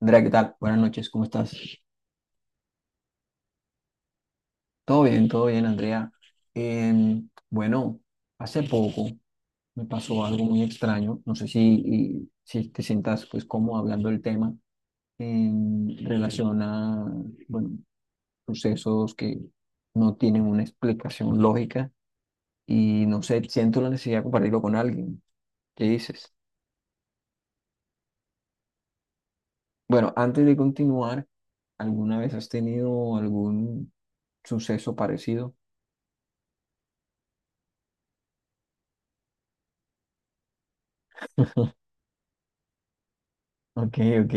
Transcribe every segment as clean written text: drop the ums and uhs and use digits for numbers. Andrea, ¿qué tal? Buenas noches, ¿cómo estás? Todo bien, Andrea. Bueno, hace poco me pasó algo muy extraño. No sé si te sientas pues cómodo hablando del tema en relación a, bueno, sucesos que no tienen una explicación lógica y no sé, siento la necesidad de compartirlo con alguien. ¿Qué dices? Bueno, antes de continuar, ¿alguna vez has tenido algún suceso parecido? Ok, ok.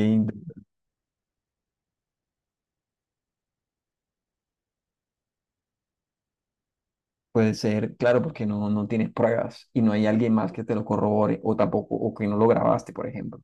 Puede ser, claro, porque no, no tienes pruebas y no hay alguien más que te lo corrobore o tampoco, o que no lo grabaste, por ejemplo.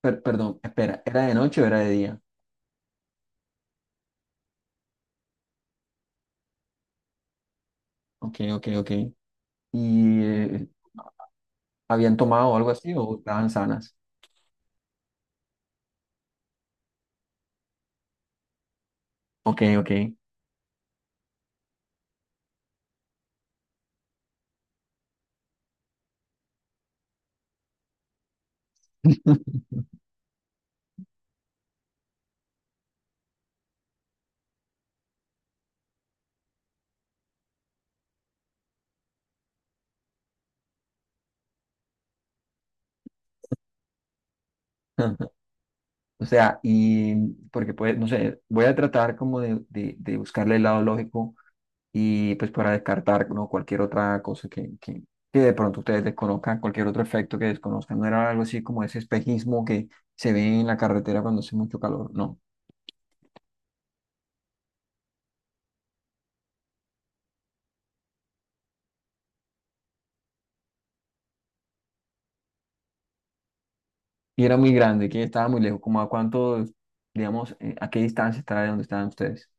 Perdón, espera, ¿era de noche o era de día? Ok, ok, ok. ¿Y habían tomado algo así o estaban sanas? Ok, ok. O sea, y porque pues, no sé, voy a tratar como de buscarle el lado lógico y pues para descartar, ¿no? Cualquier otra cosa que de pronto ustedes desconozcan, cualquier otro efecto que desconozcan. No era algo así como ese espejismo que se ve en la carretera cuando hace mucho calor, no. Y era muy grande, que estaba muy lejos, como a cuánto, digamos, a qué distancia estará de donde estaban ustedes.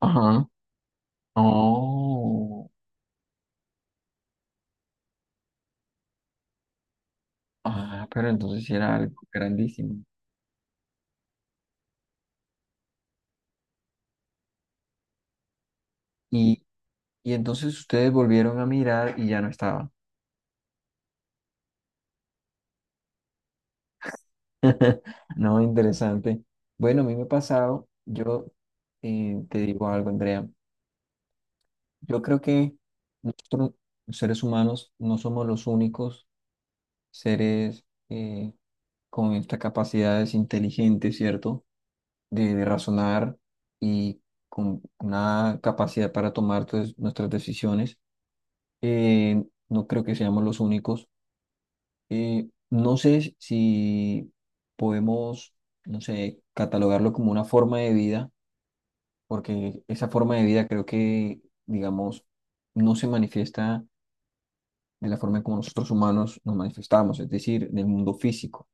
Ajá. Oh, ah, pero entonces sí era algo grandísimo. Y, y entonces ustedes volvieron a mirar y ya no estaba. No, interesante. Bueno, a mí me ha pasado, yo te digo algo, Andrea, yo creo que nosotros, los seres humanos, no somos los únicos seres eh, con estas capacidades inteligentes, ¿cierto? De razonar y con una capacidad para tomar pues, nuestras decisiones. Eh, no creo que seamos los únicos. No sé si podemos, no sé, catalogarlo como una forma de vida porque esa forma de vida creo que, digamos, no se manifiesta de la forma como nosotros humanos nos manifestamos, es decir, en el mundo físico,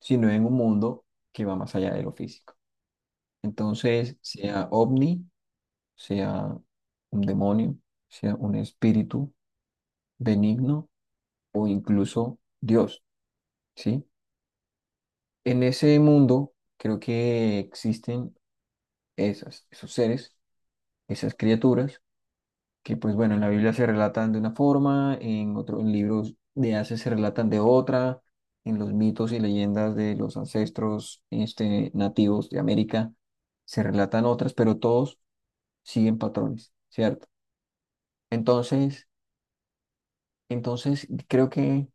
sino en un mundo que va más allá de lo físico. Entonces, sea ovni, sea un demonio, sea un espíritu benigno o incluso Dios, ¿sí? En ese mundo creo que existen esos seres, esas criaturas que pues bueno, en la Biblia se relatan de una forma, en otros libros de hace se relatan de otra, en los mitos y leyendas de los ancestros este, nativos de América se relatan otras, pero todos siguen patrones, ¿cierto? Entonces, entonces, creo que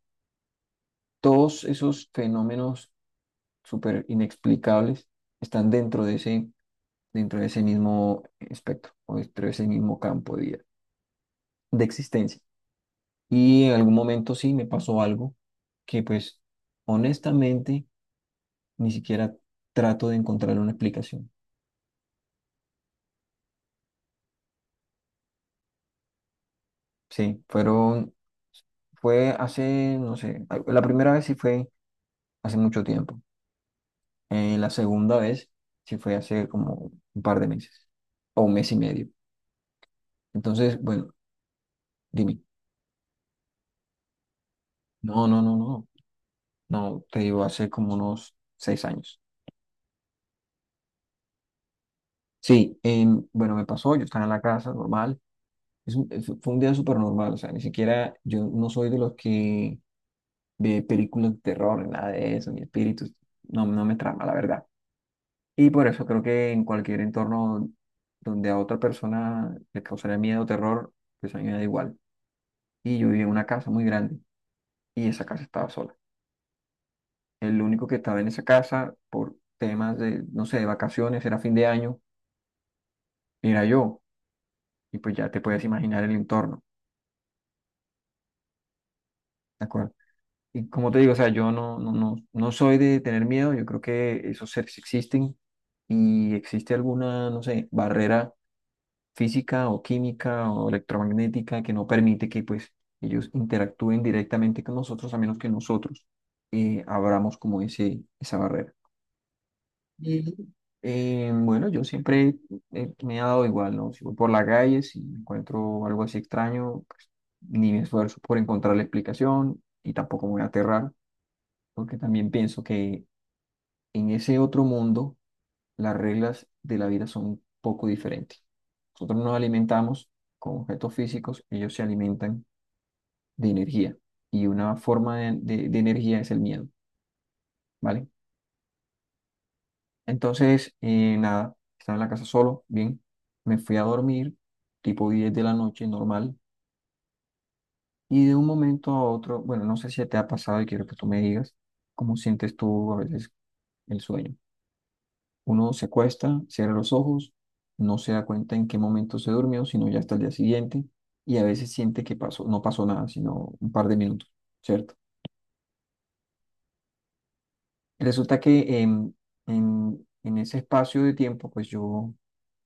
todos esos fenómenos súper inexplicables están dentro de ese mismo espectro o dentro de ese mismo campo de existencia. Y en algún momento sí me pasó algo que pues honestamente ni siquiera trato de encontrar una explicación. Sí, fue hace, no sé, la primera vez sí fue hace mucho tiempo. La segunda vez sí fue hace como un par de meses o un mes y medio. Entonces, bueno, dime. No, no, no, no. No, te digo, hace como unos 6 años. Sí, bueno, me pasó, yo estaba en la casa normal. Fue un día súper normal, o sea, ni siquiera yo no soy de los que ve películas de terror, ni nada de eso, ni espíritus, no, no me trama, la verdad. Y por eso creo que en cualquier entorno donde a otra persona le causaría miedo o terror, pues a mí me da igual. Y yo vivía en una casa muy grande y esa casa estaba sola. El único que estaba en esa casa por temas de, no sé, de vacaciones, era fin de año, era yo. Y pues ya te puedes imaginar el entorno. Y como te digo, o sea, yo no, no, no, no soy de tener miedo, yo creo que esos seres existen y existe alguna, no sé, barrera física o química o electromagnética que no permite que pues ellos interactúen directamente con nosotros a menos que nosotros abramos como esa barrera. Y bueno, yo siempre me he dado igual, ¿no? Si voy por la calle, si encuentro algo así extraño, pues, ni me esfuerzo por encontrar la explicación y tampoco me voy a aterrar porque también pienso que en ese otro mundo las reglas de la vida son un poco diferentes. Nosotros nos alimentamos con objetos físicos, ellos se alimentan de energía y una forma de energía es el miedo, ¿vale? Entonces, nada, estaba en la casa solo, bien, me fui a dormir tipo 10 de la noche, normal, y de un momento a otro, bueno, no sé si te ha pasado y quiero que tú me digas cómo sientes tú a veces el sueño. Uno se acuesta, cierra los ojos, no se da cuenta en qué momento se durmió, sino ya hasta el día siguiente, y a veces siente que pasó, no pasó nada, sino un par de minutos, ¿cierto? Resulta que en ese espacio de tiempo, pues yo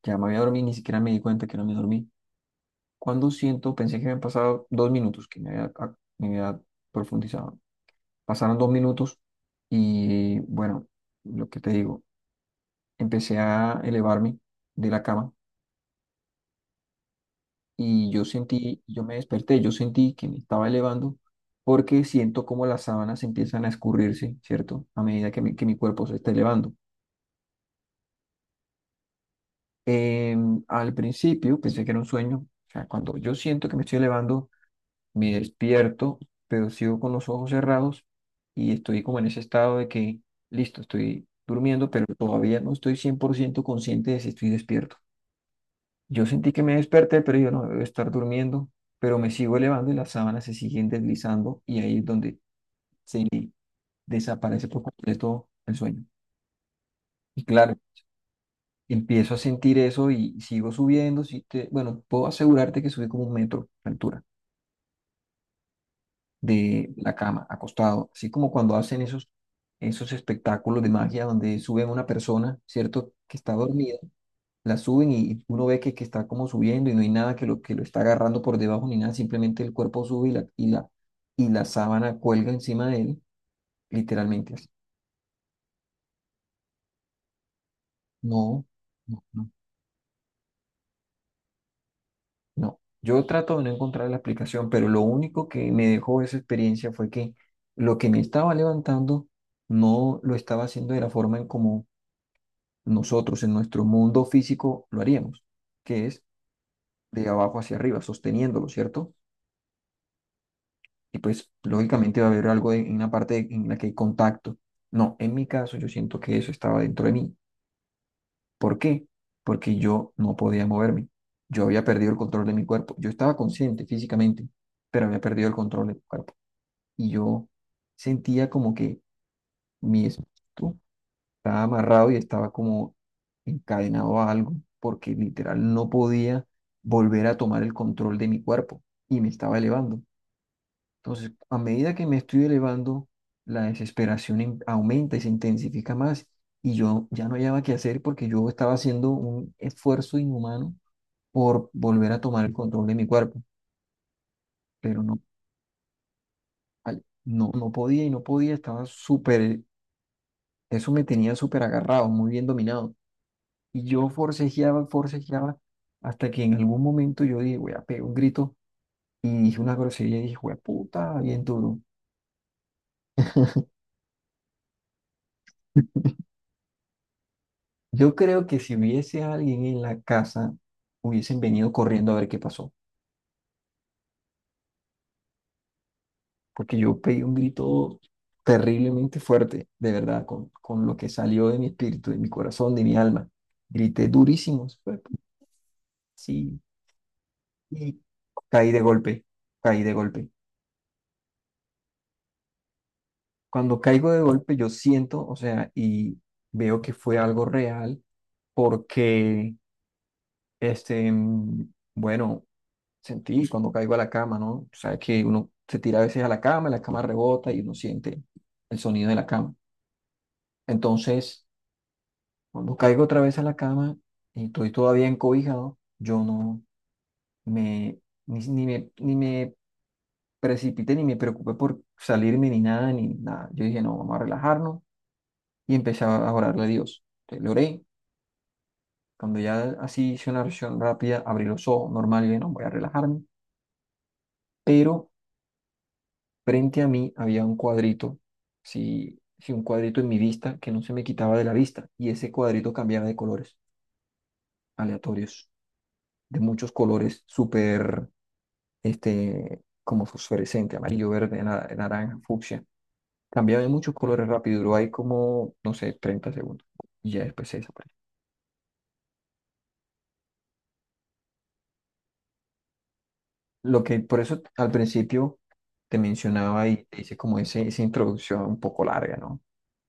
ya me había dormido, ni siquiera me di cuenta que no me dormí. Cuando siento, pensé que habían pasado 2 minutos, que me había, me había profundizado. Pasaron 2 minutos y bueno, lo que te digo, empecé a elevarme de la cama y yo sentí, yo me desperté, yo sentí que me estaba elevando porque siento como las sábanas empiezan a escurrirse, ¿cierto? A medida que que mi cuerpo se está elevando. Al principio pensé que era un sueño, o sea, cuando yo siento que me estoy elevando, me despierto, pero sigo con los ojos cerrados y estoy como en ese estado de que, listo, estoy durmiendo, pero todavía no estoy 100% consciente de si estoy despierto. Yo sentí que me desperté, pero yo no debo estar durmiendo, pero me sigo elevando y las sábanas se siguen deslizando y ahí es donde desaparece por completo el sueño. Y claro, empiezo a sentir eso y sigo subiendo. Bueno, puedo asegurarte que subí como 1 metro de altura de la cama, acostado, así como cuando hacen esos, esos espectáculos de magia donde suben a una persona, ¿cierto? Que está dormida la suben y uno ve que, está como subiendo y no hay nada que que lo está agarrando por debajo ni nada, simplemente el cuerpo sube y la sábana cuelga encima de él, literalmente así. No, no, no, no. Yo trato de no encontrar la explicación, pero lo único que me dejó esa experiencia fue que lo que me estaba levantando no lo estaba haciendo de la forma en como nosotros en nuestro mundo físico lo haríamos, que es de abajo hacia arriba, sosteniéndolo, ¿cierto? Y pues lógicamente va a haber algo en una parte en la que hay contacto. No, en mi caso yo siento que eso estaba dentro de mí. ¿Por qué? Porque yo no podía moverme. Yo había perdido el control de mi cuerpo. Yo estaba consciente físicamente, pero había perdido el control de mi cuerpo. Y yo sentía como que mi espíritu estaba amarrado y estaba como encadenado a algo, porque literal no podía volver a tomar el control de mi cuerpo y me estaba elevando. Entonces, a medida que me estoy elevando, la desesperación aumenta y se intensifica más. Y yo ya no hallaba qué hacer porque yo estaba haciendo un esfuerzo inhumano por volver a tomar el control de mi cuerpo, pero no, ay, no, no podía y no podía, estaba súper, eso me tenía súper agarrado, muy bien dominado. Y yo forcejeaba, forcejeaba, hasta que en algún momento yo dije, voy a pegar un grito y dije una grosería y dije, "Jue puta", bien duro. Yo creo que si hubiese alguien en la casa, hubiesen venido corriendo a ver qué pasó, porque yo pegué un grito terriblemente fuerte, de verdad, con lo que salió de mi espíritu, de mi corazón, de mi alma. Grité durísimo, sí, y caí de golpe, caí de golpe. Cuando caigo de golpe, yo siento, o sea, y veo que fue algo real, porque, este, bueno. Sentí cuando caigo a la cama, ¿no? O sea, que uno se tira a veces a la cama rebota y uno siente el sonido de la cama. Entonces, cuando caigo otra vez a la cama y estoy todavía encobijado, yo no me, ni, ni me, ni me precipité, ni me preocupé por salirme, ni nada, ni nada. Yo dije, no, vamos a relajarnos y empecé a orarle a Dios. Entonces, le oré. Cuando ya así hice una oración rápida, abrí los ojos, normal, y dije, no, voy a relajarme. Pero frente a mí había un cuadrito, sí, sí, un cuadrito en mi vista que no se me quitaba de la vista y ese cuadrito cambiaba de colores aleatorios, de muchos colores, súper, este, como fosforescente, amarillo, verde, naranja, fucsia. Cambiaba de muchos colores rápido, duró ahí como, no sé, 30 segundos y ya después se desapareció. Lo que por eso al principio te mencionaba y te hice como esa introducción un poco larga, ¿no?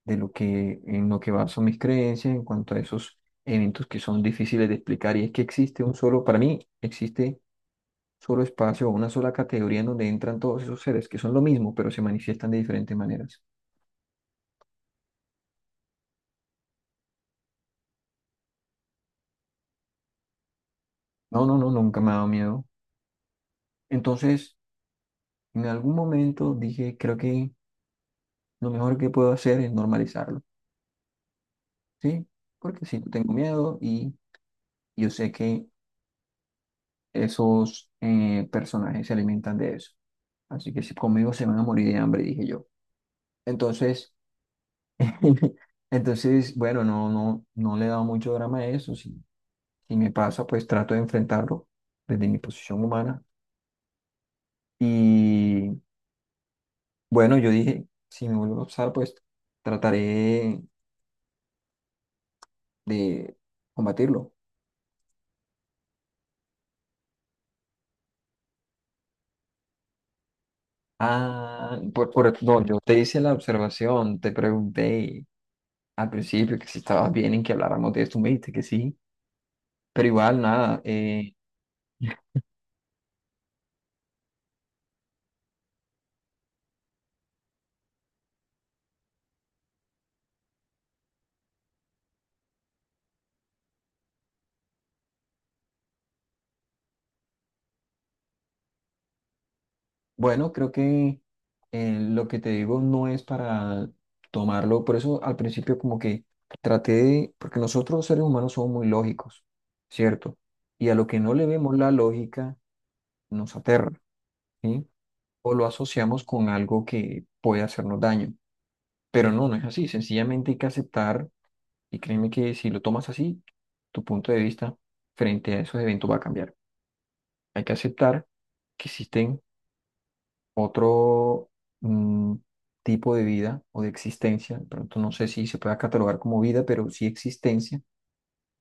De lo que, en lo que baso mis creencias en cuanto a esos eventos que son difíciles de explicar. Y es que existe un solo, para mí, existe solo espacio o una sola categoría en donde entran todos esos seres, que son lo mismo, pero se manifiestan de diferentes maneras. No, no, no, nunca me ha dado miedo. Entonces, en algún momento dije, creo que lo mejor que puedo hacer es normalizarlo, ¿sí? Porque si yo tengo miedo y yo sé que esos personajes se alimentan de eso. Así que si conmigo se van a morir de hambre, dije yo. Entonces, entonces, bueno, no, no, no le he dado mucho drama a eso. Si, si me pasa, pues trato de enfrentarlo desde mi posición humana. Y bueno, yo dije, si me vuelvo a pasar, pues trataré de combatirlo. No, yo te hice la observación, te pregunté al principio que si estabas bien en que habláramos de esto, me dijiste que sí, pero igual nada. Bueno, creo que lo que te digo no es para tomarlo, por eso al principio como que traté de, porque nosotros los seres humanos somos muy lógicos, ¿cierto? Y a lo que no le vemos la lógica nos aterra, ¿sí? O lo asociamos con algo que puede hacernos daño, pero no, no es así, sencillamente hay que aceptar y créeme que si lo tomas así, tu punto de vista frente a esos eventos va a cambiar. Hay que aceptar que existen otro mm, tipo de vida o de existencia, de pronto no sé si se pueda catalogar como vida, pero sí existencia,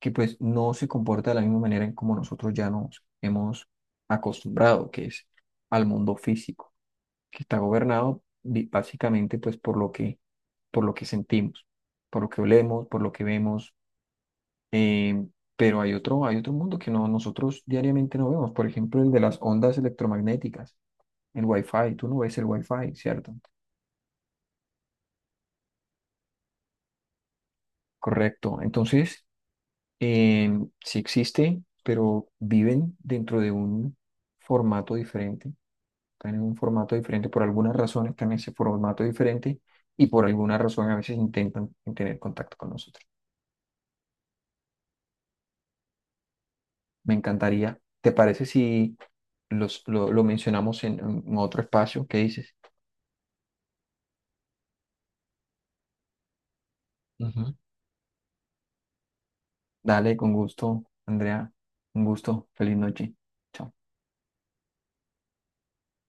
que pues no se comporta de la misma manera en como nosotros ya nos hemos acostumbrado, que es al mundo físico, que está gobernado básicamente pues por lo que sentimos, por lo que olemos, por lo que vemos, eh, pero hay hay otro mundo que nosotros diariamente no vemos, por ejemplo el de las ondas electromagnéticas, el Wi-Fi, tú no ves el Wi-Fi, ¿cierto? Correcto. Entonces, eh, sí existe, pero viven dentro de un formato diferente. Están en un formato diferente. Por algunas razones están en ese formato diferente y por alguna razón a veces intentan tener contacto con nosotros. Me encantaría. ¿Te parece si lo mencionamos en otro espacio? ¿Qué dices? Ujú. Dale, con gusto, Andrea. Un gusto. Feliz noche. Chao.